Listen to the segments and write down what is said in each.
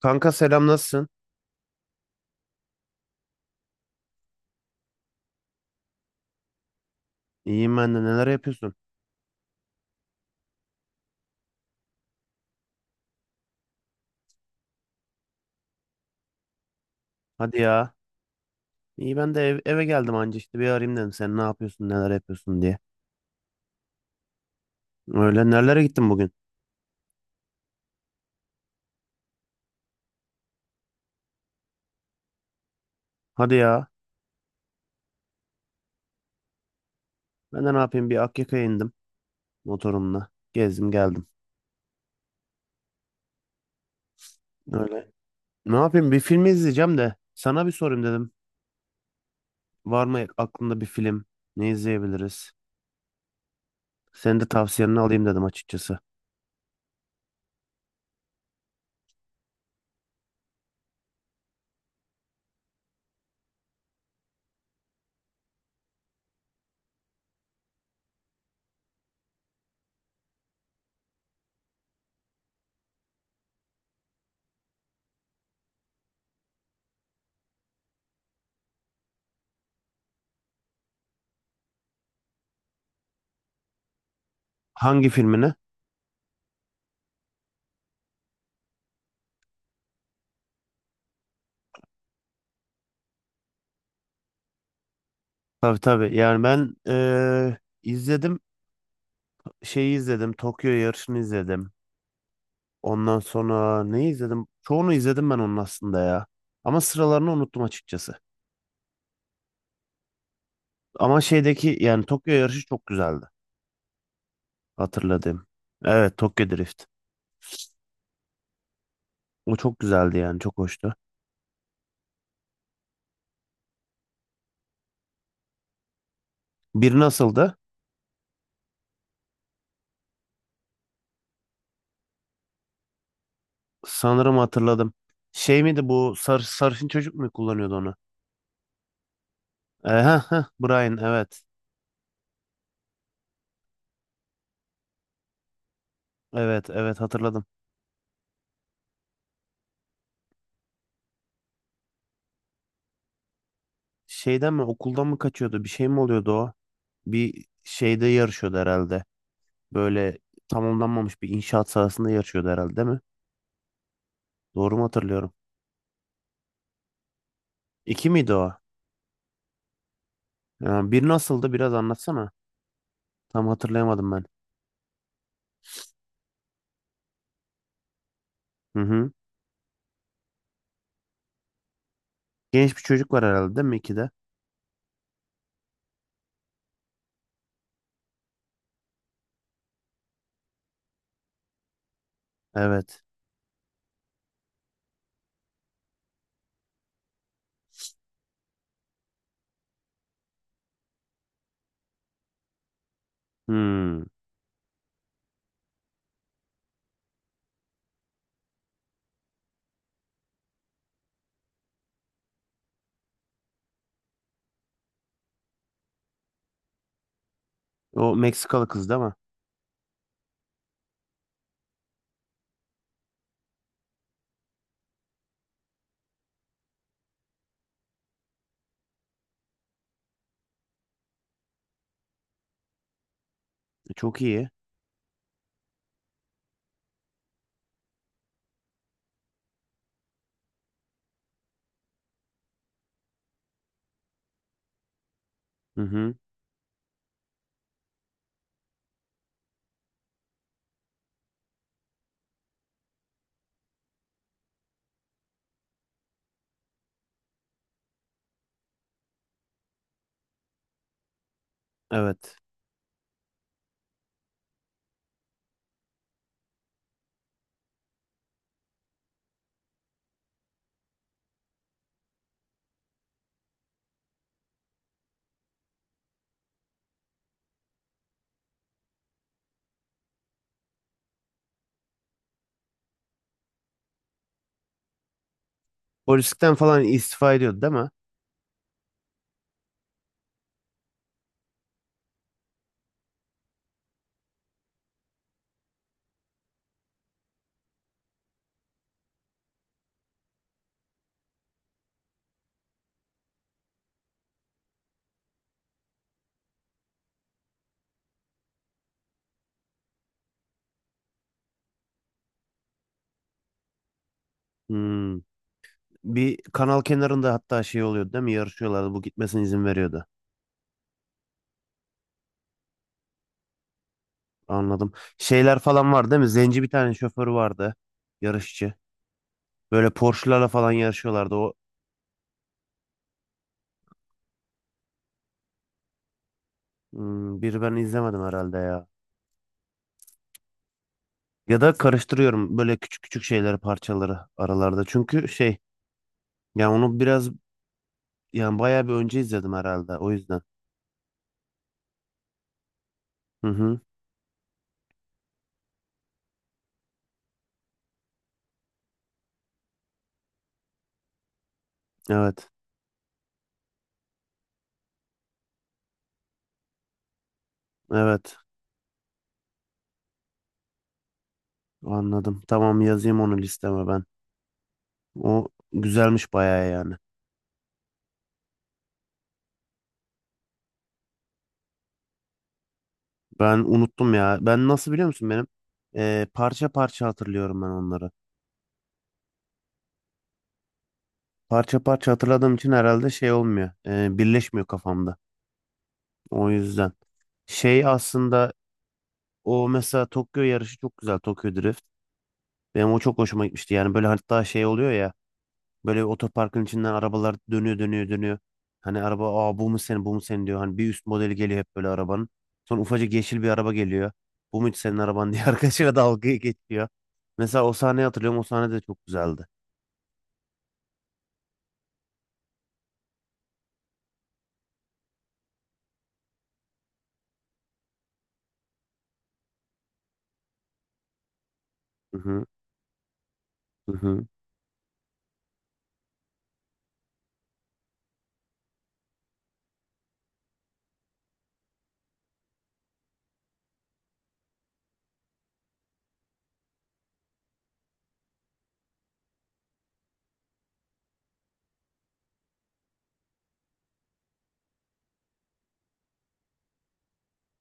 Kanka, selam, nasılsın? İyiyim, ben de. Neler yapıyorsun? Hadi ya. İyi, ben de eve geldim anca, işte bir arayayım dedim, sen ne yapıyorsun, neler yapıyorsun diye. Öyle, nerelere gittin bugün? Hadi ya. Ben de ne yapayım, bir Akyaka'ya indim motorumla. Gezdim geldim. Öyle. Ne yapayım, bir film izleyeceğim de sana bir sorayım dedim. Var mı aklında bir film? Ne izleyebiliriz? Senin de tavsiyenini alayım dedim açıkçası. Hangi filmini? Tabii tabii, yani ben izledim, şeyi izledim, Tokyo yarışını izledim. Ondan sonra ne izledim? Çoğunu izledim ben onun aslında ya. Ama sıralarını unuttum açıkçası. Ama şeydeki, yani Tokyo yarışı çok güzeldi. Hatırladım. Evet, Tokyo Drift. O çok güzeldi, yani çok hoştu. Bir nasıldı? Sanırım hatırladım. Şey miydi bu sarışın çocuk mu kullanıyordu onu? Heh, heh, Brian, evet. Evet, evet, hatırladım. Şeyden mi, okuldan mı kaçıyordu? Bir şey mi oluyordu o? Bir şeyde yarışıyordu herhalde. Böyle tamamlanmamış bir inşaat sahasında yarışıyordu herhalde, değil mi? Doğru mu hatırlıyorum? İki miydi o? Ya bir nasıldı, biraz anlatsana. Tam hatırlayamadım ben. Hı hı. Genç bir çocuk var herhalde, değil mi, ikide? Evet. Hmm. O Meksikalı kız değil mi? Çok iyi. Hı hı. Evet. Polislikten falan istifa ediyordu değil mi? Hmm. Bir kanal kenarında hatta şey oluyordu değil mi? Yarışıyorlardı. Bu gitmesine izin veriyordu. Anladım. Şeyler falan var değil mi? Zenci bir tane şoförü vardı. Yarışçı. Böyle Porsche'larla falan yarışıyorlardı. O biri ben izlemedim herhalde ya. Ya da karıştırıyorum böyle küçük küçük şeyleri, parçaları aralarda. Çünkü şey, yani onu biraz, yani bayağı bir önce izledim herhalde, o yüzden. Hı hı. Evet. Evet. Anladım. Tamam, yazayım onu listeme ben. O güzelmiş bayağı yani. Ben unuttum ya. Ben nasıl biliyor musun benim? Parça parça hatırlıyorum ben onları. Parça parça hatırladığım için herhalde şey olmuyor. Birleşmiyor kafamda. O yüzden. Şey aslında, o mesela Tokyo yarışı çok güzel. Tokyo Drift. Benim o çok hoşuma gitmişti. Yani böyle hatta şey oluyor ya. Böyle otoparkın içinden arabalar dönüyor dönüyor dönüyor. Hani araba, aa bu mu senin, bu mu senin diyor. Hani bir üst modeli geliyor hep böyle arabanın. Sonra ufacık yeşil bir araba geliyor. Bu mu hiç senin araban diye arkadaşıyla dalga geçiyor. Mesela o sahneyi hatırlıyorum. O sahne de çok güzeldi. Hı hı, hı hı.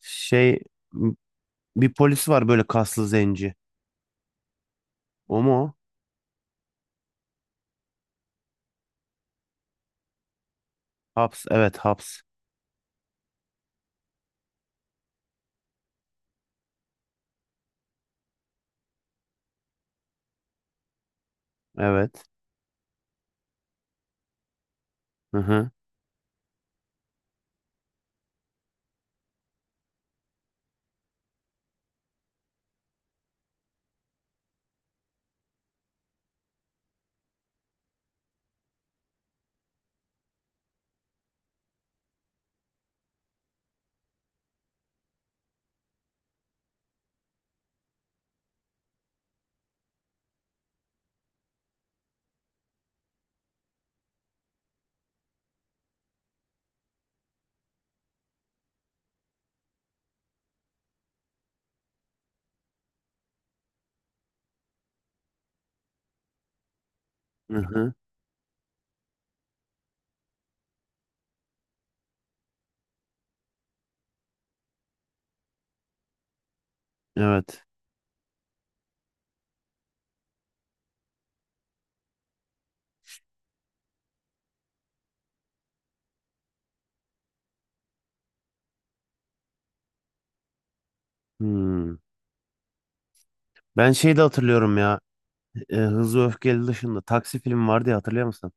Şey, m- bir polis var böyle, kaslı zenci. O mu o? Haps. Evet, Haps. Evet. Hı hı. Hı hı. Evet. Hmm. Ben şeyi de hatırlıyorum ya. Hızlı Öfkeli dışında Taksi filmi vardı ya, hatırlıyor musun?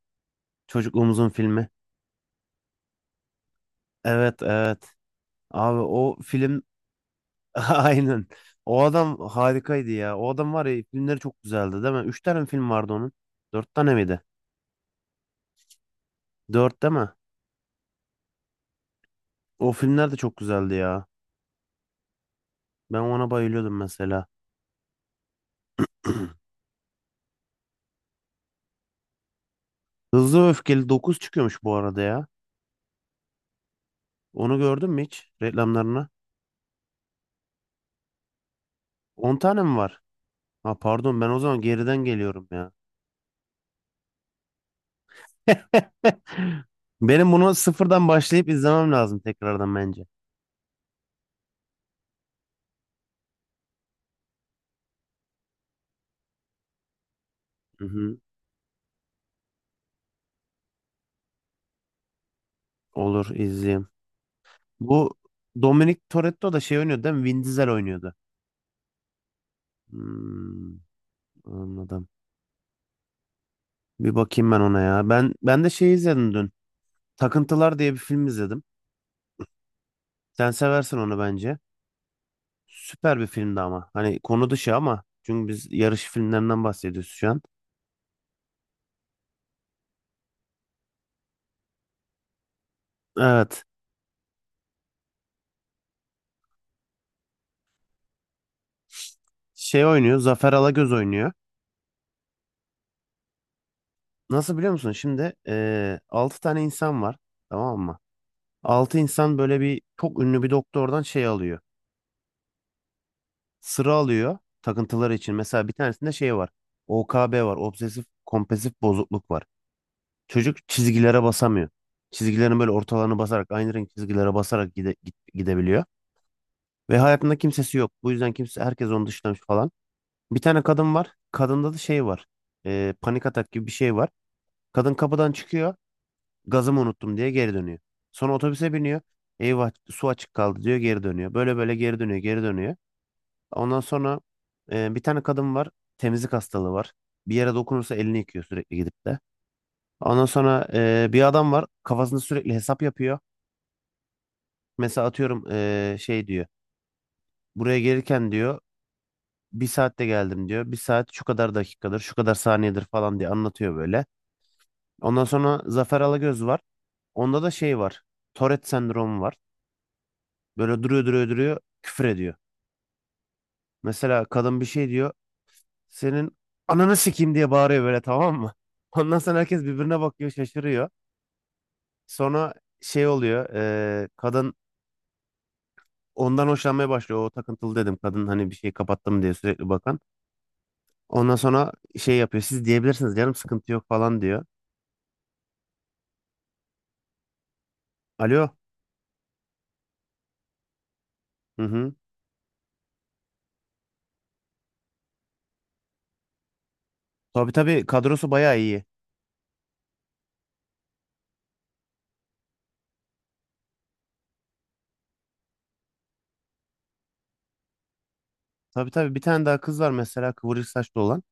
Çocukluğumuzun filmi. Evet, evet. Abi o film aynen. O adam harikaydı ya. O adam var ya, filmleri çok güzeldi değil mi? Üç tane mi film vardı onun. Dört tane miydi? Dört değil mi? O filmler de çok güzeldi ya. Ben ona bayılıyordum mesela. Hızlı ve Öfkeli 9 çıkıyormuş bu arada ya. Onu gördün mü hiç reklamlarına? 10 tane mi var? Ha, pardon, ben o zaman geriden geliyorum ya. Benim bunu sıfırdan başlayıp izlemem lazım tekrardan bence. Hı hı. Olur, izleyeyim. Bu Dominic Toretto da şey oynuyordu değil mi? Vin Diesel oynuyordu. Hmm, anladım. Bir bakayım ben ona ya. Ben de şey izledim dün. Takıntılar diye bir film izledim. Sen seversin onu bence. Süper bir filmdi ama. Hani konu dışı ama. Çünkü biz yarış filmlerinden bahsediyoruz şu an. Evet. Şey oynuyor. Zafer Alagöz oynuyor. Nasıl biliyor musun? Şimdi 6 tane insan var. Tamam mı? 6 insan böyle, bir çok ünlü bir doktordan şey alıyor. Sıra alıyor takıntıları için. Mesela bir tanesinde şey var. OKB var. Obsesif kompulsif bozukluk var. Çocuk çizgilere basamıyor. Çizgilerin böyle ortalarını basarak, aynı renk çizgilere basarak gidebiliyor. Ve hayatında kimsesi yok. Bu yüzden kimse, herkes onu dışlamış falan. Bir tane kadın var. Kadında da şey var. Panik atak gibi bir şey var. Kadın kapıdan çıkıyor. Gazımı unuttum diye geri dönüyor. Sonra otobüse biniyor. Eyvah su açık kaldı diyor, geri dönüyor. Böyle böyle geri dönüyor, geri dönüyor. Ondan sonra bir tane kadın var. Temizlik hastalığı var. Bir yere dokunursa elini yıkıyor sürekli, gidip de. Ondan sonra bir adam var. Kafasında sürekli hesap yapıyor. Mesela atıyorum, şey diyor. Buraya gelirken diyor bir saatte geldim diyor. Bir saat şu kadar dakikadır, şu kadar saniyedir falan diye anlatıyor böyle. Ondan sonra Zafer Alagöz var. Onda da şey var. Tourette sendromu var. Böyle duruyor duruyor duruyor, küfür ediyor. Mesela kadın bir şey diyor. Senin ananı sikeyim diye bağırıyor böyle, tamam mı? Ondan sonra herkes birbirine bakıyor, şaşırıyor. Sonra şey oluyor. Kadın ondan hoşlanmaya başlıyor. O takıntılı dedim, kadın hani bir şey kapattım diye sürekli bakan. Ondan sonra şey yapıyor. Siz diyebilirsiniz, canım sıkıntı yok falan diyor. Alo. Hı hı. Tabii tabii, kadrosu bayağı iyi. Tabii tabii, bir tane daha kız var mesela, kıvırcık saçlı olan.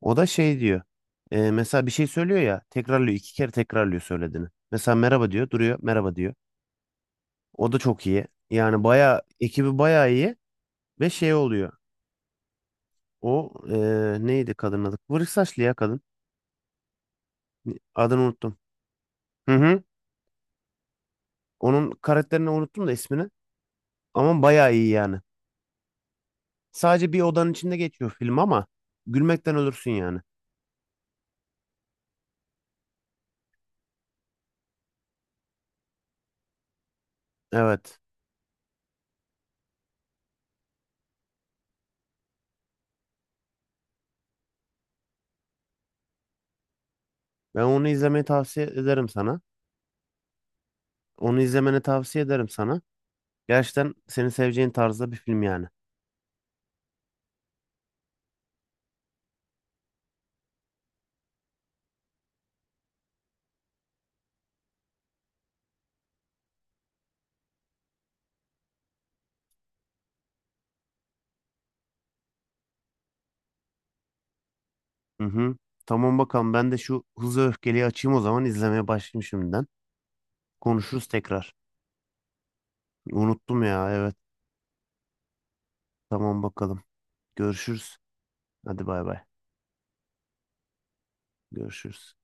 O da şey diyor. Mesela bir şey söylüyor ya, tekrarlıyor, iki kere tekrarlıyor söylediğini. Mesela merhaba diyor, duruyor, merhaba diyor. O da çok iyi. Yani bayağı ekibi bayağı iyi ve şey oluyor. O, neydi kadının adı? Kıvırcık saçlı ya kadın. Adını unuttum. Hı hı. Onun karakterini unuttum da, ismini. Ama bayağı iyi yani. Sadece bir odanın içinde geçiyor film ama gülmekten ölürsün yani. Evet. Ben onu izlemeyi tavsiye ederim sana. Onu izlemeni tavsiye ederim sana. Gerçekten seni seveceğin tarzda bir film yani. Hı hı. Tamam bakalım, ben de şu Hızlı Öfkeli'yi açayım o zaman, izlemeye başlayayım şimdiden. Konuşuruz tekrar. Unuttum ya, evet. Tamam bakalım. Görüşürüz. Hadi, bay bay. Görüşürüz.